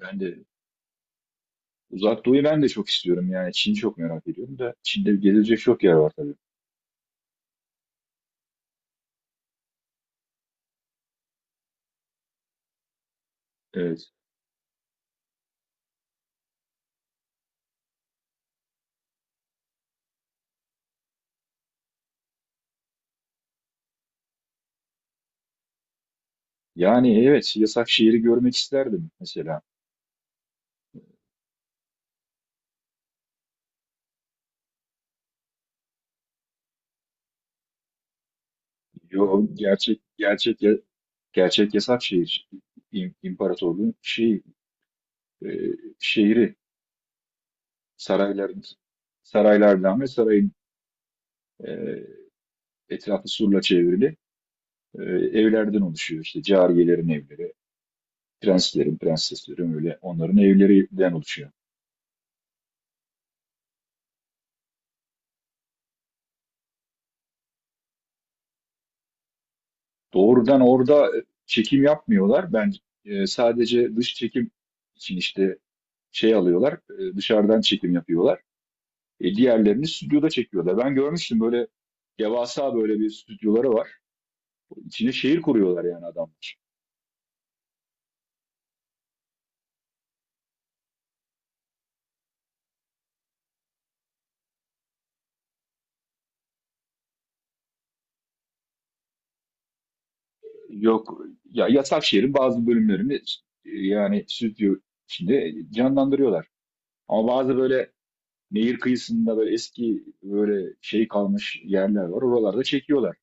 Ben de Uzak Doğu'yu ben de çok istiyorum, yani Çin'i çok merak ediyorum da Çin'de gezilecek çok yer var tabii. Evet. Yani evet, yasak şehri görmek isterdim mesela. Yo, gerçek gerçek yasak şehir, imparatorluğun e, şehri, sarayların saraylardan ve sarayın e, etrafı surla çevrili, e, evlerden oluşuyor. İşte cariyelerin evleri, prenslerin, prenseslerin, öyle onların evlerinden oluşuyor. Doğrudan orada çekim yapmıyorlar. Ben sadece dış çekim için, işte şey alıyorlar, dışarıdan çekim yapıyorlar. Diğerlerini stüdyoda çekiyorlar. Ben görmüştüm, böyle devasa böyle bir stüdyoları var. İçine şehir kuruyorlar yani adamlar. Yok ya, yasak şehrin bazı bölümlerini yani stüdyo içinde canlandırıyorlar. Ama bazı böyle nehir kıyısında, böyle eski böyle şey kalmış yerler var. Oralarda çekiyorlar.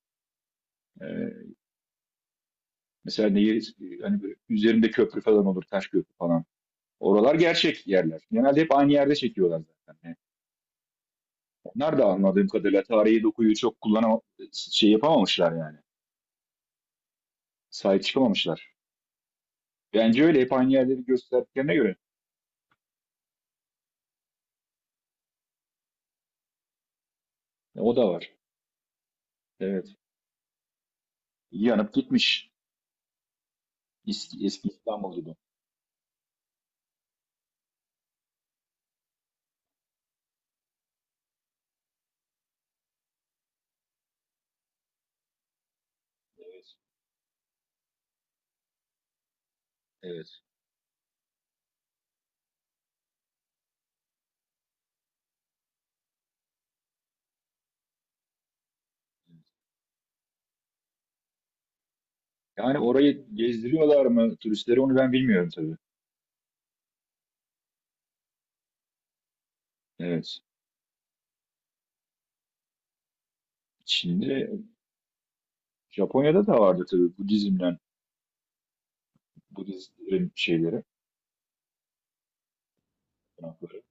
E, Mesela nehir, hani üzerinde köprü falan olur, taş köprü falan. Oralar gerçek yerler. Genelde hep aynı yerde çekiyorlar zaten. Yani onlar da anladığım kadarıyla tarihi dokuyu çok şey yapamamışlar yani. Sahip çıkamamışlar. Bence öyle, hep aynı yerleri gösterdiklerine göre. O da var. Evet. Yanıp gitmiş. Eski, eski İstanbul gibi. Evet. Evet. Yani orayı gezdiriyorlar mı turistleri, onu ben bilmiyorum tabii. Evet. Şimdi Japonya'da da vardı tabii, Budizm'den, Budistlerin şeyleri, tapınakları.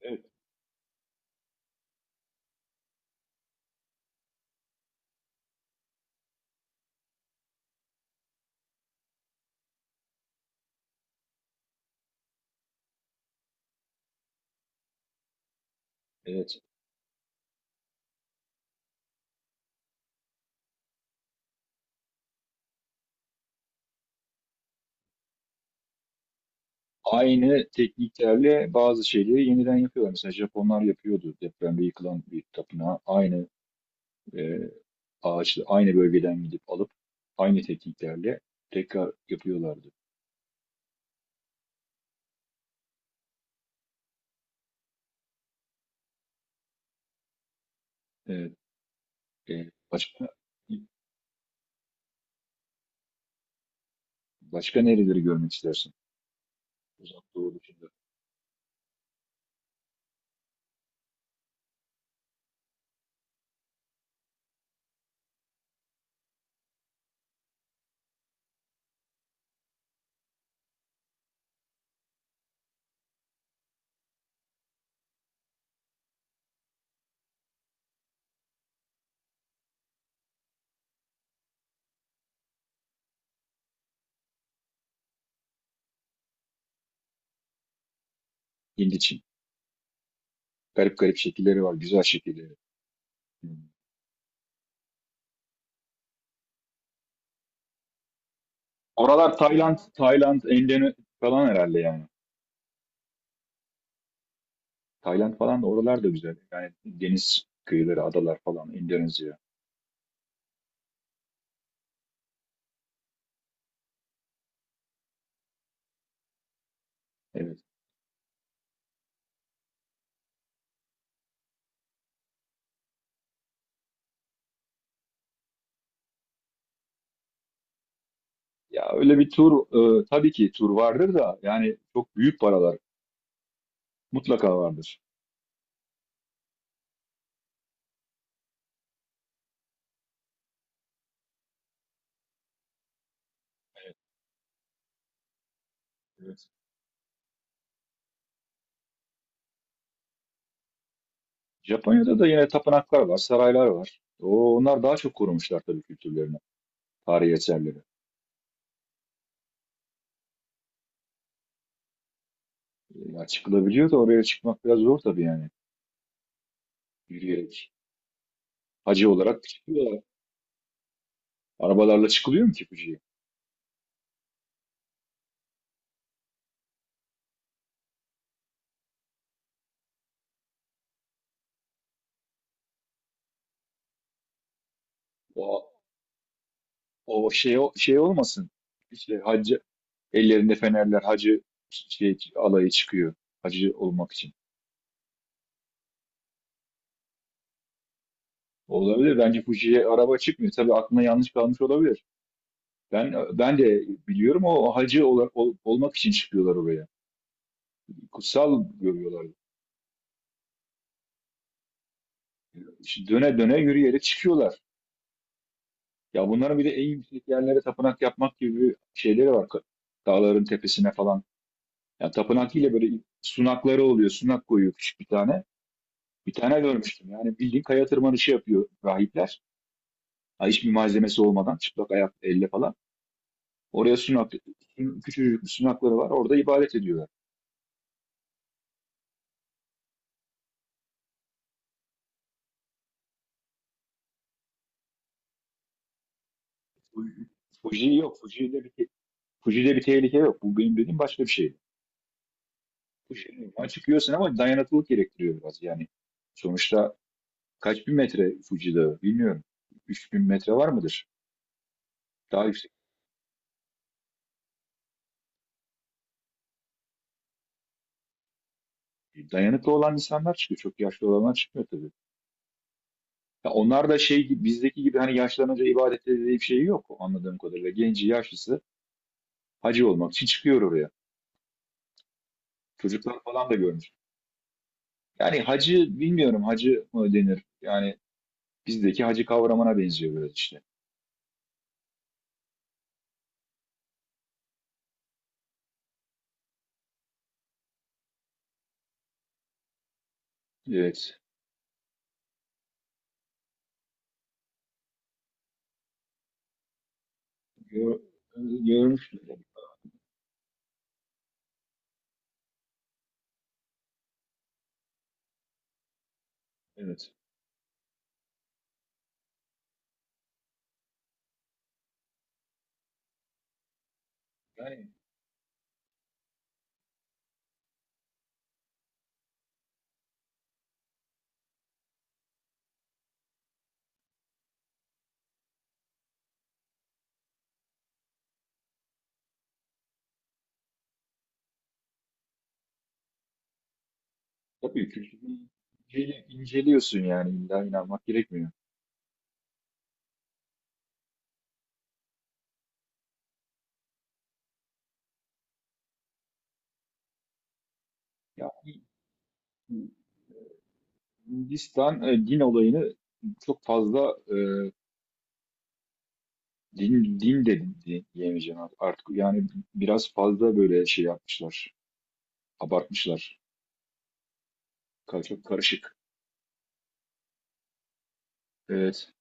Evet, evet. Aynı tekniklerle bazı şeyleri yeniden yapıyorlar. Mesela Japonlar yapıyordu, depremde yıkılan bir tapınağı aynı e, ağaçlı, aynı bölgeden gidip alıp aynı tekniklerle tekrar yapıyorlardı. Evet, e, başka başka nereleri görmek istersin? Uzak Doğu dışında. Hint için. Garip garip şekilleri var, güzel şekilleri. Hmm. Oralar Tayland, Tayland, Endone falan herhalde yani. Tayland falan da, oralar da güzel. Yani deniz kıyıları, adalar falan, Endonezya. Evet. Ya öyle bir tur, tabii ki tur vardır da yani çok büyük paralar mutlaka vardır. Evet. Japonya'da da yine tapınaklar var, saraylar var. O, onlar daha çok korumuşlar tabii kültürlerini, tarihi eserleri. Ya çıkılabiliyor da, oraya çıkmak biraz zor tabii yani. Yürüyerek. Hacı olarak çıkıyorlar. Arabalarla çıkılıyor mu ki Fuji'ye? O, o şey olmasın. İşte hacı, ellerinde fenerler, hacı şey, alayı çıkıyor. Hacı olmak için. Olabilir. Bence Fuji'ye araba çıkmıyor. Tabii aklına yanlış kalmış olabilir. Ben de biliyorum, o hacı olarak olmak için çıkıyorlar oraya. Kutsal görüyorlar. İşte döne döne yürüyerek çıkıyorlar. Ya bunların bir de en yüksek yerlere tapınak yapmak gibi şeyleri var. Dağların tepesine falan. Ya tapınak değil de böyle sunakları oluyor. Sunak koyuyor, küçük bir tane. Bir tane görmüştüm. Yani bildiğin kaya tırmanışı yapıyor rahipler. Ha, hiçbir malzemesi olmadan, çıplak ayak, elle falan. Oraya sunak, küçücük bir sunakları var. Orada ibadet ediyor. Fuji yok. Fuji'de bir tehlike yok. Bu benim dediğim başka bir şey. Fuji'nin çıkıyorsun ama dayanıklılık gerektiriyor biraz. Yani sonuçta kaç bin metre Fuji Dağı bilmiyorum. 3000 metre var mıdır? Daha yüksek. Dayanıklı olan insanlar çıkıyor. Çok yaşlı olanlar çıkmıyor tabii. Ya onlar da şey gibi, bizdeki gibi hani yaşlanınca ibadette dediği bir şey yok anladığım kadarıyla. Genci yaşlısı hacı olmak için çıkıyor oraya. Çocuklar falan da görmüş. Yani hacı bilmiyorum, hacı mı denir? Yani bizdeki hacı kavramına benziyor biraz işte. Evet. Gör, görmüştüm. Evet. Yani tabii kültürü inceliyorsun, yani illa inanmak gerekmiyor. Ya Hindistan din olayını çok fazla, din diyemeyeceğim artık. Yani biraz fazla böyle şey yapmışlar. Abartmışlar. Çok karışık. Evet.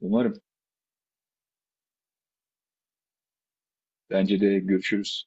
Umarım. Bence de, görüşürüz.